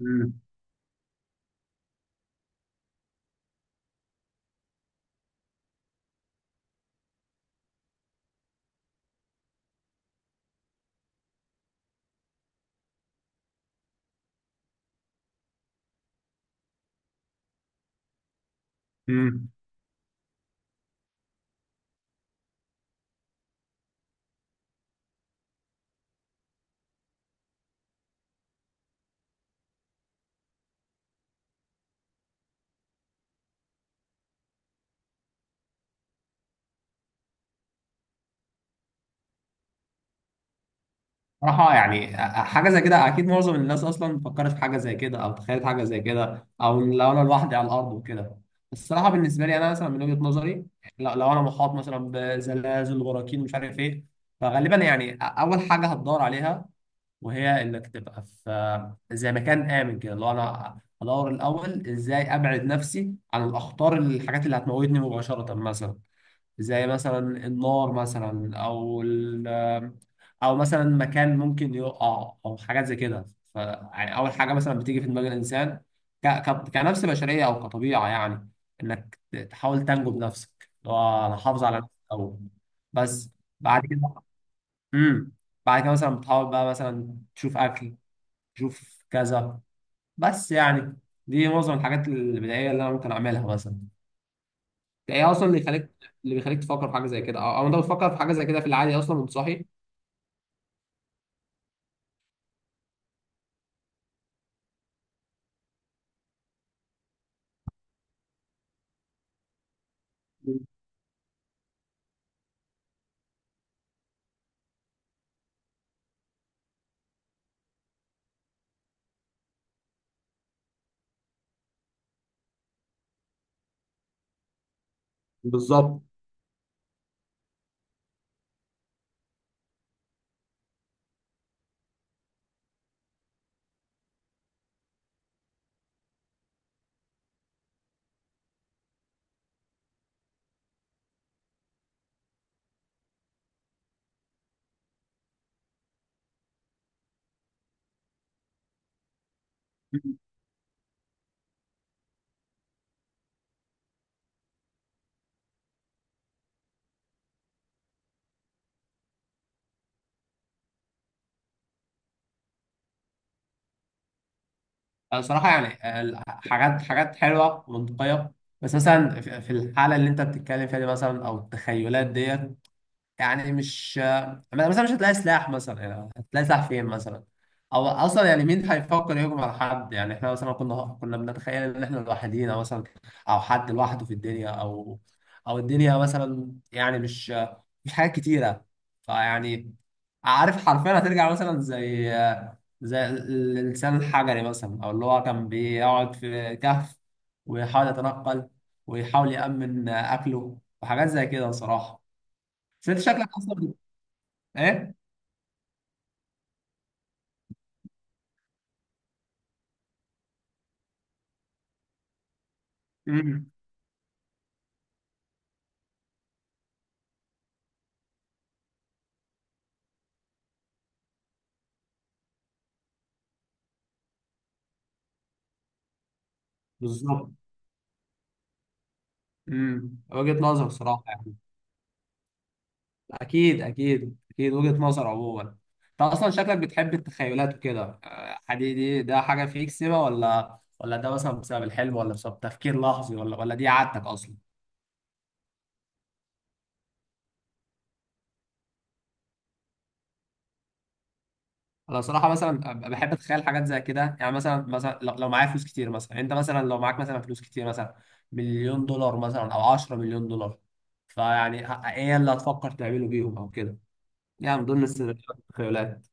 مم. مم. صراحة يعني حاجة زي كده أكيد معظم الناس أصلا فكرت في حاجة زي كده أو تخيلت حاجة زي كده أو لو أنا لوحدي على الأرض وكده. الصراحة بالنسبة لي أنا مثلا من وجهة نظري، لو أنا محاط مثلا بزلازل براكين مش عارف إيه. فغالبا يعني أول حاجة هتدور عليها وهي إنك تبقى في زي مكان آمن كده. لو أنا أدور الأول إزاي أبعد نفسي عن الأخطار، الحاجات اللي هتموتني مباشرة مثلا، زي مثلا النار مثلا، او مثلا مكان ممكن يقع او حاجات زي كده. ف يعني اول حاجه مثلا بتيجي في دماغ الانسان كنفس بشريه او كطبيعه، يعني انك تحاول تنجو بنفسك، اللي هو انا حافظ على نفسي الاول بس. بعد كده، امم بعد كده مثلا بتحاول بقى مثلا تشوف اكل، تشوف كذا، بس يعني دي معظم الحاجات البدائيه اللي انا ممكن اعملها مثلا. ايه اصلا اللي يخليك، اللي بيخليك تفكر في حاجه زي كده، او أو انت بتفكر في حاجه زي كده في العادي اصلا وانت صاحي؟ بالظبط. أنا صراحه يعني حاجات حلوه ومنطقيه، بس مثلا في في الحاله اللي انت بتتكلم فيها دي مثلا او التخيلات ديت، يعني مش، مثلا مش هتلاقي سلاح مثلا، يعني هتلاقي سلاح فين مثلا؟ او اصلا يعني مين هيفكر يهجم على حد؟ يعني احنا مثلا كنا بنتخيل ان احنا لوحدينا مثلا، او حد لوحده في الدنيا، او الدنيا مثلا، يعني مش حاجات كتيره، فيعني، عارف حرفيا هترجع مثلا زي الانسان الحجري مثلا، او اللي هو كان بيقعد في كهف ويحاول يتنقل ويحاول يأمن اكله وحاجات زي كده بصراحه. بس انت شكلك اصلا ايه؟ امم. بالظبط. امم. وجهة نظر صراحة يعني. اكيد اكيد اكيد وجهة نظر عموما. انت اصلا شكلك بتحب التخيلات وكده. حدي دي ده حاجة فيك سبا ولا ده مثلا بسبب الحلم ولا بسبب تفكير لحظي ولا دي عادتك اصلا؟ انا صراحة مثلا بحب اتخيل حاجات زي كده، يعني مثلا لو معايا فلوس كتير مثلا، انت مثلا لو معاك مثلا فلوس كتير مثلا، مليون دولار مثلا او 10 مليون دولار، فيعني ايه اللي هتفكر تعمله بيهم او كده؟ يا عم دول السيناريوهات والتخيلات.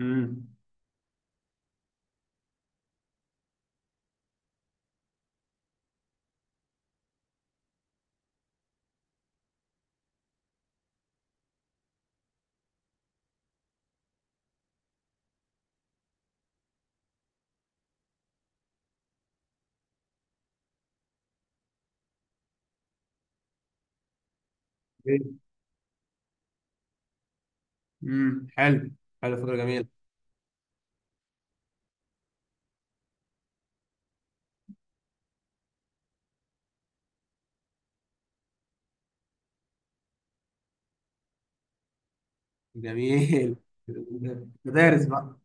امم. حلو. حلو فكرة جميلة. جميل. مدارس بقى.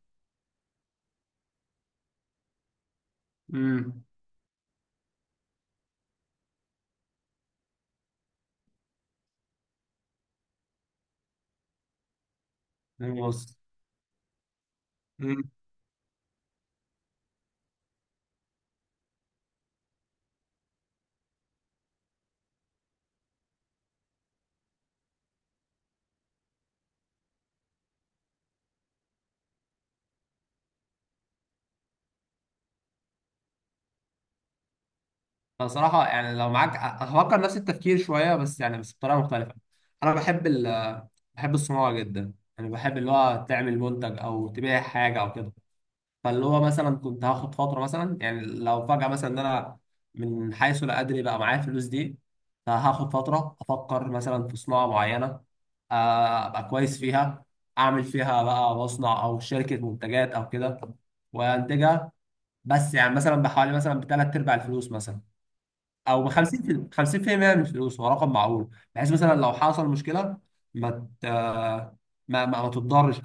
امم. بص. امم. أنا صراحة يعني لو معاك، أفكر نفس التفكير شوية، بس يعني بس بطريقة مختلفة. أنا بحب بحب الصناعة جدا، يعني بحب اللي هو تعمل منتج أو تبيع حاجة أو كده. فاللي هو مثلا كنت هاخد فترة مثلا، يعني لو فجأة مثلا إن أنا من حيث لا أدري بقى معايا الفلوس دي، فهاخد فترة أفكر مثلا في صناعة معينة، أبقى كويس فيها، أعمل فيها بقى مصنع أو شركة منتجات أو كده وأنتجها، بس يعني مثلا بحوالي مثلا بتلات أرباع الفلوس مثلا، أو ب 50 50% من الفلوس هو رقم معقول، بحيث مثلا لو حصل مشكلة، ما ت- ما تتضرش.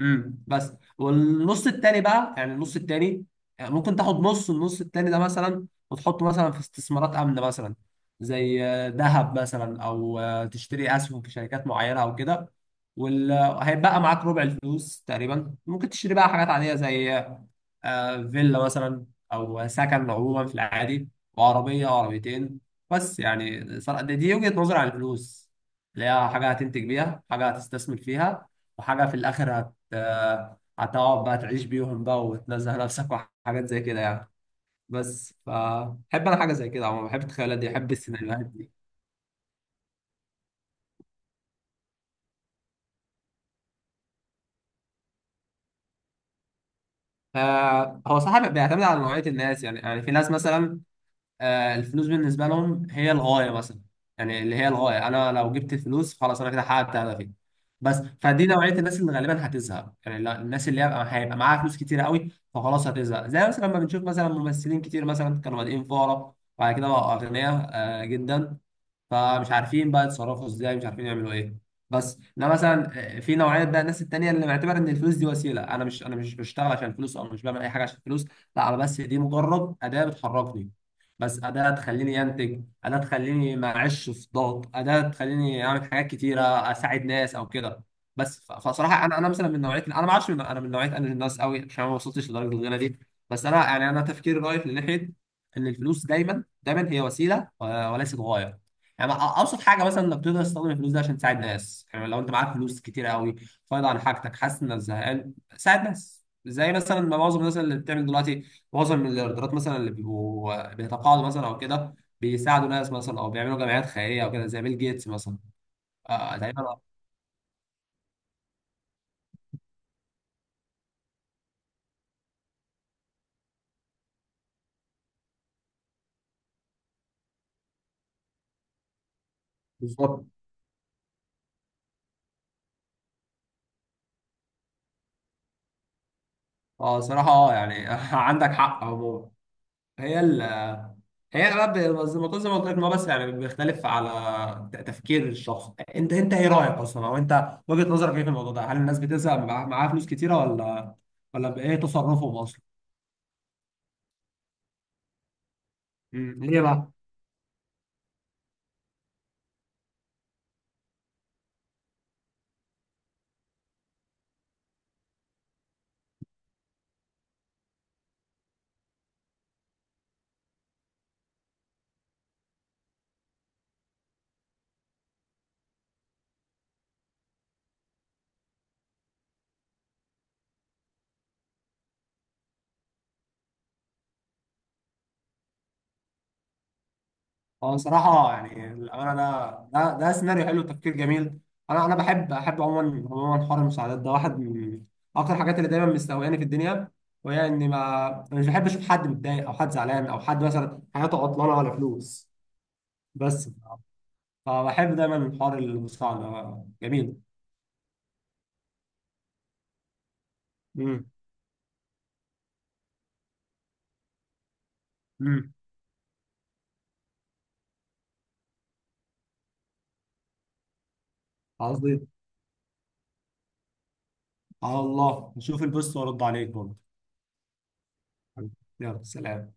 امم. بس والنص التاني بقى، يعني النص التاني، يعني ممكن تاخد نص النص التاني ده مثلا وتحطه مثلا في استثمارات آمنة مثلا، زي ذهب مثلا، او تشتري اسهم في شركات معينة او كده. وهيبقى معاك ربع الفلوس تقريبا، ممكن تشتري بقى حاجات عادية زي فيلا مثلا، او سكن عموما في العادي، وعربيه أو عربيتين. بس يعني صراحة دي وجهه نظري عن الفلوس، اللي هي حاجه هتنتج بيها، حاجه هتستثمر فيها، وحاجه في الاخر هت هتقعد بقى تعيش بيهم بقى وتنزه نفسك وحاجات زي كده يعني. بس فبحب انا حاجه زي كده عموما، بحب التخيلات دي، بحب السيناريوهات دي. هو صح بيعتمد على نوعيه الناس. يعني في ناس مثلا الفلوس بالنسبة لهم هي الغاية مثلا، يعني اللي هي الغاية أنا لو جبت الفلوس خلاص أنا كده حققت هدفي بس. فدي نوعية الناس اللي غالبا هتزهق، يعني الناس اللي هيبقى معاها فلوس كتير قوي فخلاص هتزهق، زي مثلا لما بنشوف مثلا ممثلين كتير مثلا كانوا بادئين فقراء وبعد كده بقوا أغنياء جدا، فمش عارفين بقى يتصرفوا ازاي، مش عارفين يعملوا ايه بس. ده مثلا. في نوعيه بقى الناس التانيه اللي معتبره ان الفلوس دي وسيله. انا مش بشتغل عشان الفلوس او مش بعمل اي حاجه عشان الفلوس، لا، انا بس دي مجرد اداه بتحركني، بس اداه تخليني انتج، اداه تخليني ما اعيش في ضغط، اداه تخليني اعمل حاجات كتيره، اساعد ناس او كده. بس فصراحه انا مثلا من نوعيه انا ما اعرفش، انا من نوعيه انا الناس قوي عشان ما وصلتش لدرجه الغنى دي. بس انا يعني انا تفكيري رايح لناحيه ان الفلوس دايما دايما هي وسيله وليست غايه. يعني ابسط حاجه مثلا انك تقدر تستخدم الفلوس دي عشان تساعد ناس، يعني لو انت معاك فلوس كتير قوي فاضي عن حاجتك، حاسس انك زهقان، ساعد ناس زي مثلا ما معظم الناس اللي بتعمل دلوقتي، معظم الايرادات مثلا اللي بيبقوا بيتقاعدوا مثلا او كده بيساعدوا ناس مثلا او بيعملوا جمعيات خيريه او كده زي بيل جيتس مثلا. آه تقريبا. بالظبط. اه صراحه اه يعني عندك حق عموما. هي ال- هي انا بقى زي ما قلت لك ان هو بس، يعني بيختلف على تفكير الشخص. انت ايه رايك اصلا، او انت وجهه نظرك ايه في الموضوع ده، هل الناس بتزهق بيبقى معاها فلوس كتيره ولا بايه تصرفهم اصلا؟ مم. ليه بقى؟ هو صراحه يعني الامانه ده سيناريو حلو، تفكير جميل. انا بحب احب عموما عموما حوار المساعدات ده، واحد من اكتر الحاجات اللي دايما مستهوياني في الدنيا، وهي اني ما، أنا مش بحب اشوف حد متضايق او حد زعلان او حد مثلا حياته عطلانه ولا فلوس بس. اه بحب دايما حوار المستعمل جميل. امم. امم قصدي. على الله نشوف البوست وارد عليك برضه. يلا سلام.